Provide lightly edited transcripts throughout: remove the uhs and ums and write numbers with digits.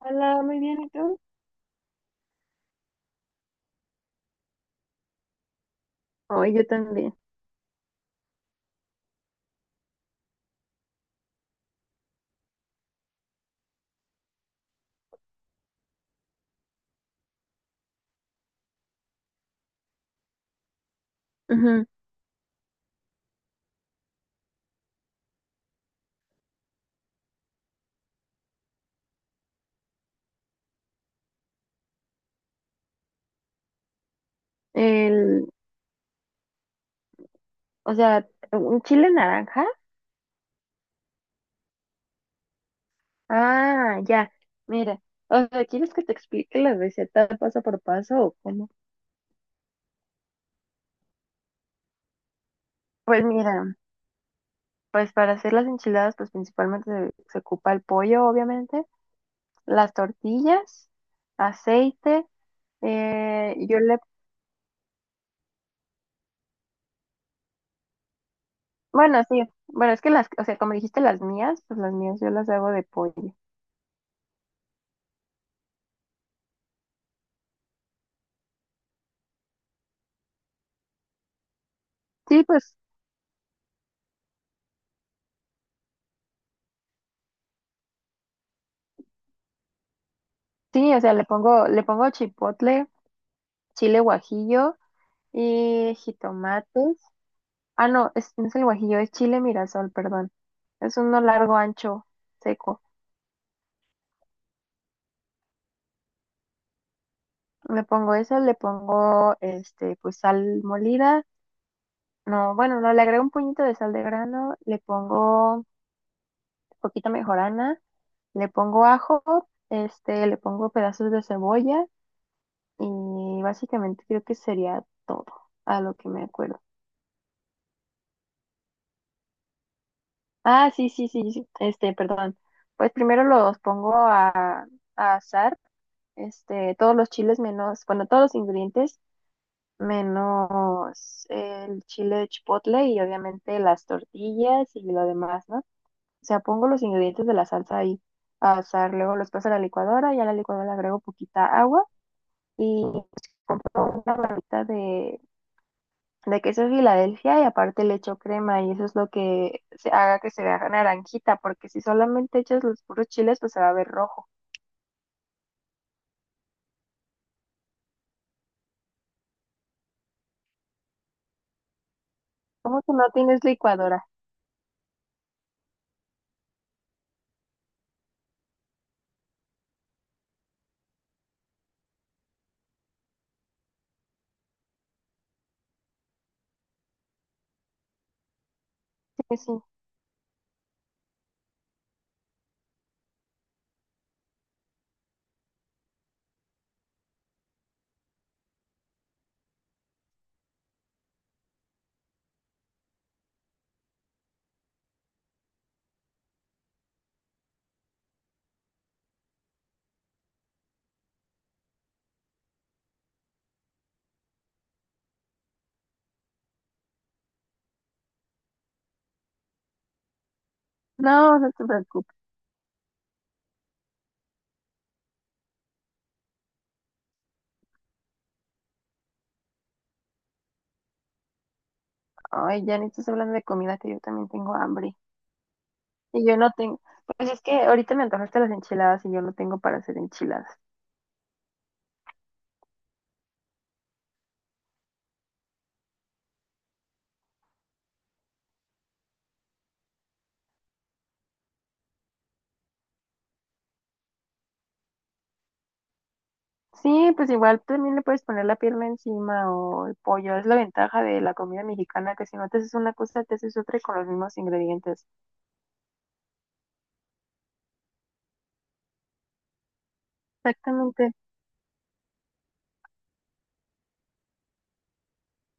Hola, muy bien, ¿y tú? Oh, yo también. Ujú. El, o sea, un chile naranja. Ah, ya. Mira, o sea, ¿quieres que te explique la receta paso por paso o cómo? Pues mira, pues para hacer las enchiladas, pues principalmente se ocupa el pollo, obviamente, las tortillas, aceite, yo le, bueno, sí, bueno, es que las, o sea, como dijiste las mías, pues las mías yo las hago de pollo. Sí, pues sí, o sea, le pongo chipotle, chile guajillo y jitomates. Ah, no, es, no es el guajillo, es chile mirasol, perdón. Es uno largo, ancho, seco. Le pongo eso, le pongo este, pues sal molida. No, bueno, no, le agrego un puñito de sal de grano, le pongo poquita mejorana, le pongo ajo, este, le pongo pedazos de cebolla y básicamente creo que sería todo a lo que me acuerdo. Ah, sí, sí, sí, sí, este, perdón. Pues primero los pongo a asar, este, todos los chiles menos, bueno, todos los ingredientes menos el chile chipotle y obviamente las tortillas y lo demás, ¿no? O sea, pongo los ingredientes de la salsa ahí a asar, luego los paso a la licuadora y a la licuadora le agrego poquita agua y una barrita de queso Filadelfia y aparte le echo crema y eso es lo que se haga que se vea naranjita, porque si solamente echas los puros chiles, pues se va a ver rojo. ¿Cómo que no tienes licuadora? Sí, sí. No, no te preocupes. Ay, ya ni estás hablando de comida que yo también tengo hambre. Y yo no tengo, pues es que ahorita me antojaste las enchiladas y yo no tengo para hacer enchiladas. Sí, pues igual también le puedes poner la pierna encima o el pollo. Es la ventaja de la comida mexicana, que si no te haces una cosa, te haces otra y con los mismos ingredientes. Exactamente.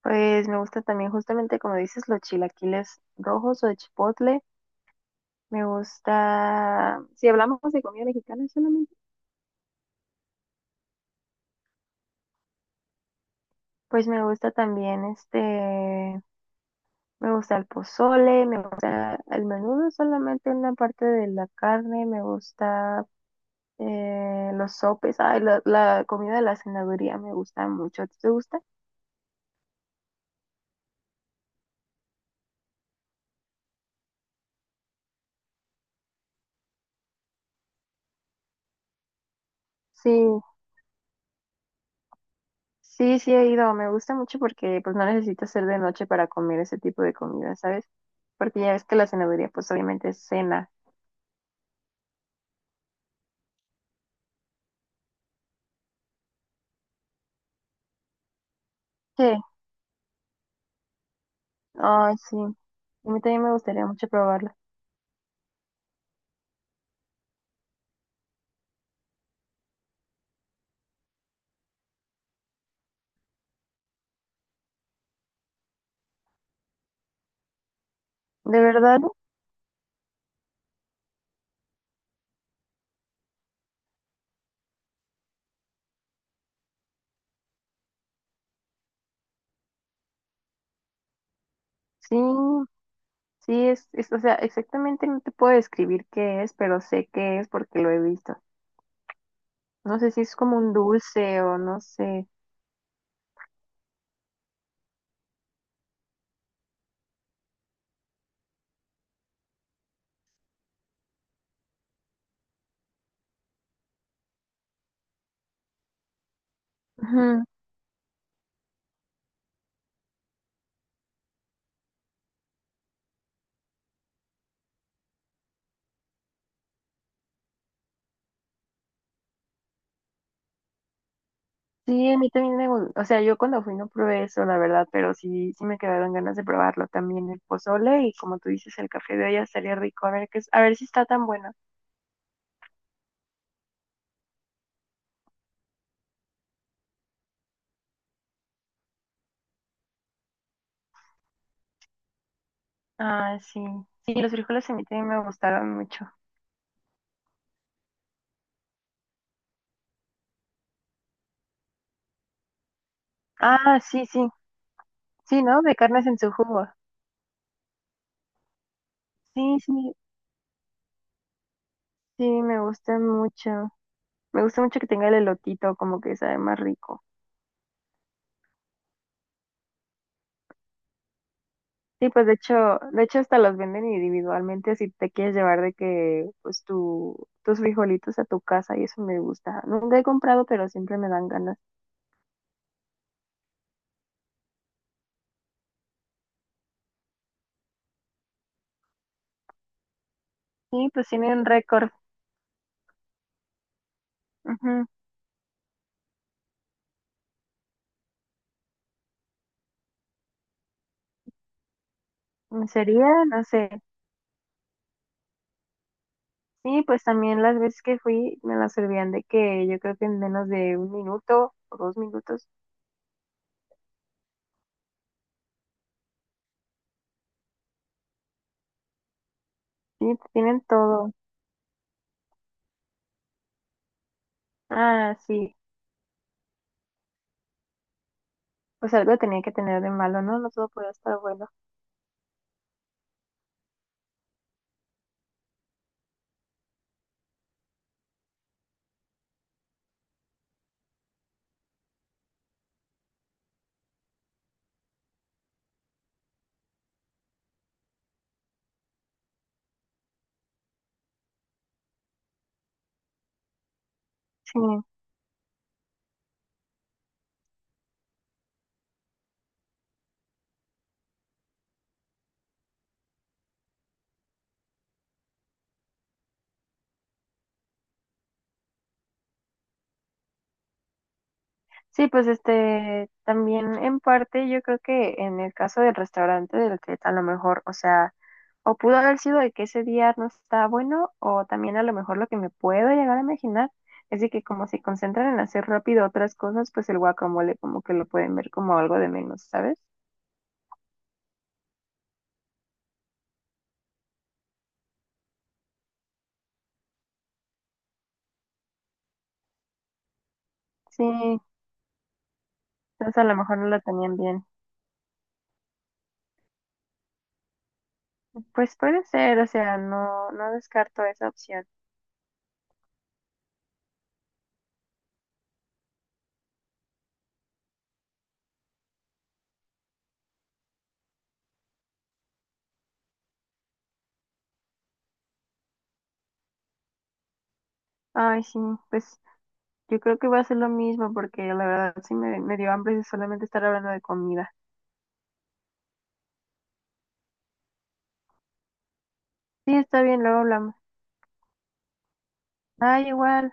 Pues me gusta también justamente como dices los chilaquiles rojos o de chipotle. Me gusta, si hablamos de comida mexicana solamente, pues me gusta también este, me gusta el pozole, me gusta el menudo solamente una parte de la carne, me gusta los sopes, ay, la comida de la cenaduría me gusta mucho. ¿A ti te gusta? Sí. Sí, sí he ido, me gusta mucho porque pues no necesito hacer de noche para comer ese tipo de comida, ¿sabes? Porque ya ves que la cenaduría pues obviamente es cena. Sí, ay sí, a mí también me gustaría mucho probarla. De verdad, sí, sí es, o sea, exactamente no te puedo describir qué es, pero sé qué es porque lo he visto. No sé si es como un dulce o no sé. Sí, a mí también me gusta, o sea, yo cuando fui no probé eso, la verdad, pero sí, sí me quedaron ganas de probarlo también, el pozole y como tú dices, el café de olla estaría rico, a ver qué es, a ver si está tan bueno. Ah, sí, sí, los frijoles a mí también me gustaron mucho. Ah, sí, sí, sí, ¿no? De carnes en su jugo. Sí, sí, sí, me gustan mucho. Me gusta mucho que tenga el elotito, como que sabe más rico. Sí, pues de hecho hasta los venden individualmente si te quieres llevar de que pues tu, tus frijolitos a tu casa y eso me gusta. Nunca he comprado, pero siempre me dan ganas. Sí, pues tiene un récord. Ujú. Sería, no sé. Sí, pues también las veces que fui me las servían de que yo creo que en menos de 1 minuto o 2 minutos. Sí, tienen todo. Ah, sí. Pues algo tenía que tener de malo, ¿no? No todo podía estar bueno. Sí. Sí, pues este, también en parte yo creo que en el caso del restaurante del que a lo mejor, o sea, o pudo haber sido de que ese día no está bueno, o también a lo mejor lo que me puedo llegar a imaginar es de que como se concentran en hacer rápido otras cosas, pues el guacamole como que lo pueden ver como algo de menos, ¿sabes? Sí, entonces a lo mejor no lo tenían bien. Pues puede ser, o sea, no, no descarto esa opción. Ay, sí, pues yo creo que va a ser lo mismo porque la verdad sí me dio hambre de solamente estar hablando de comida. Sí, está bien, luego hablamos. Ah, igual.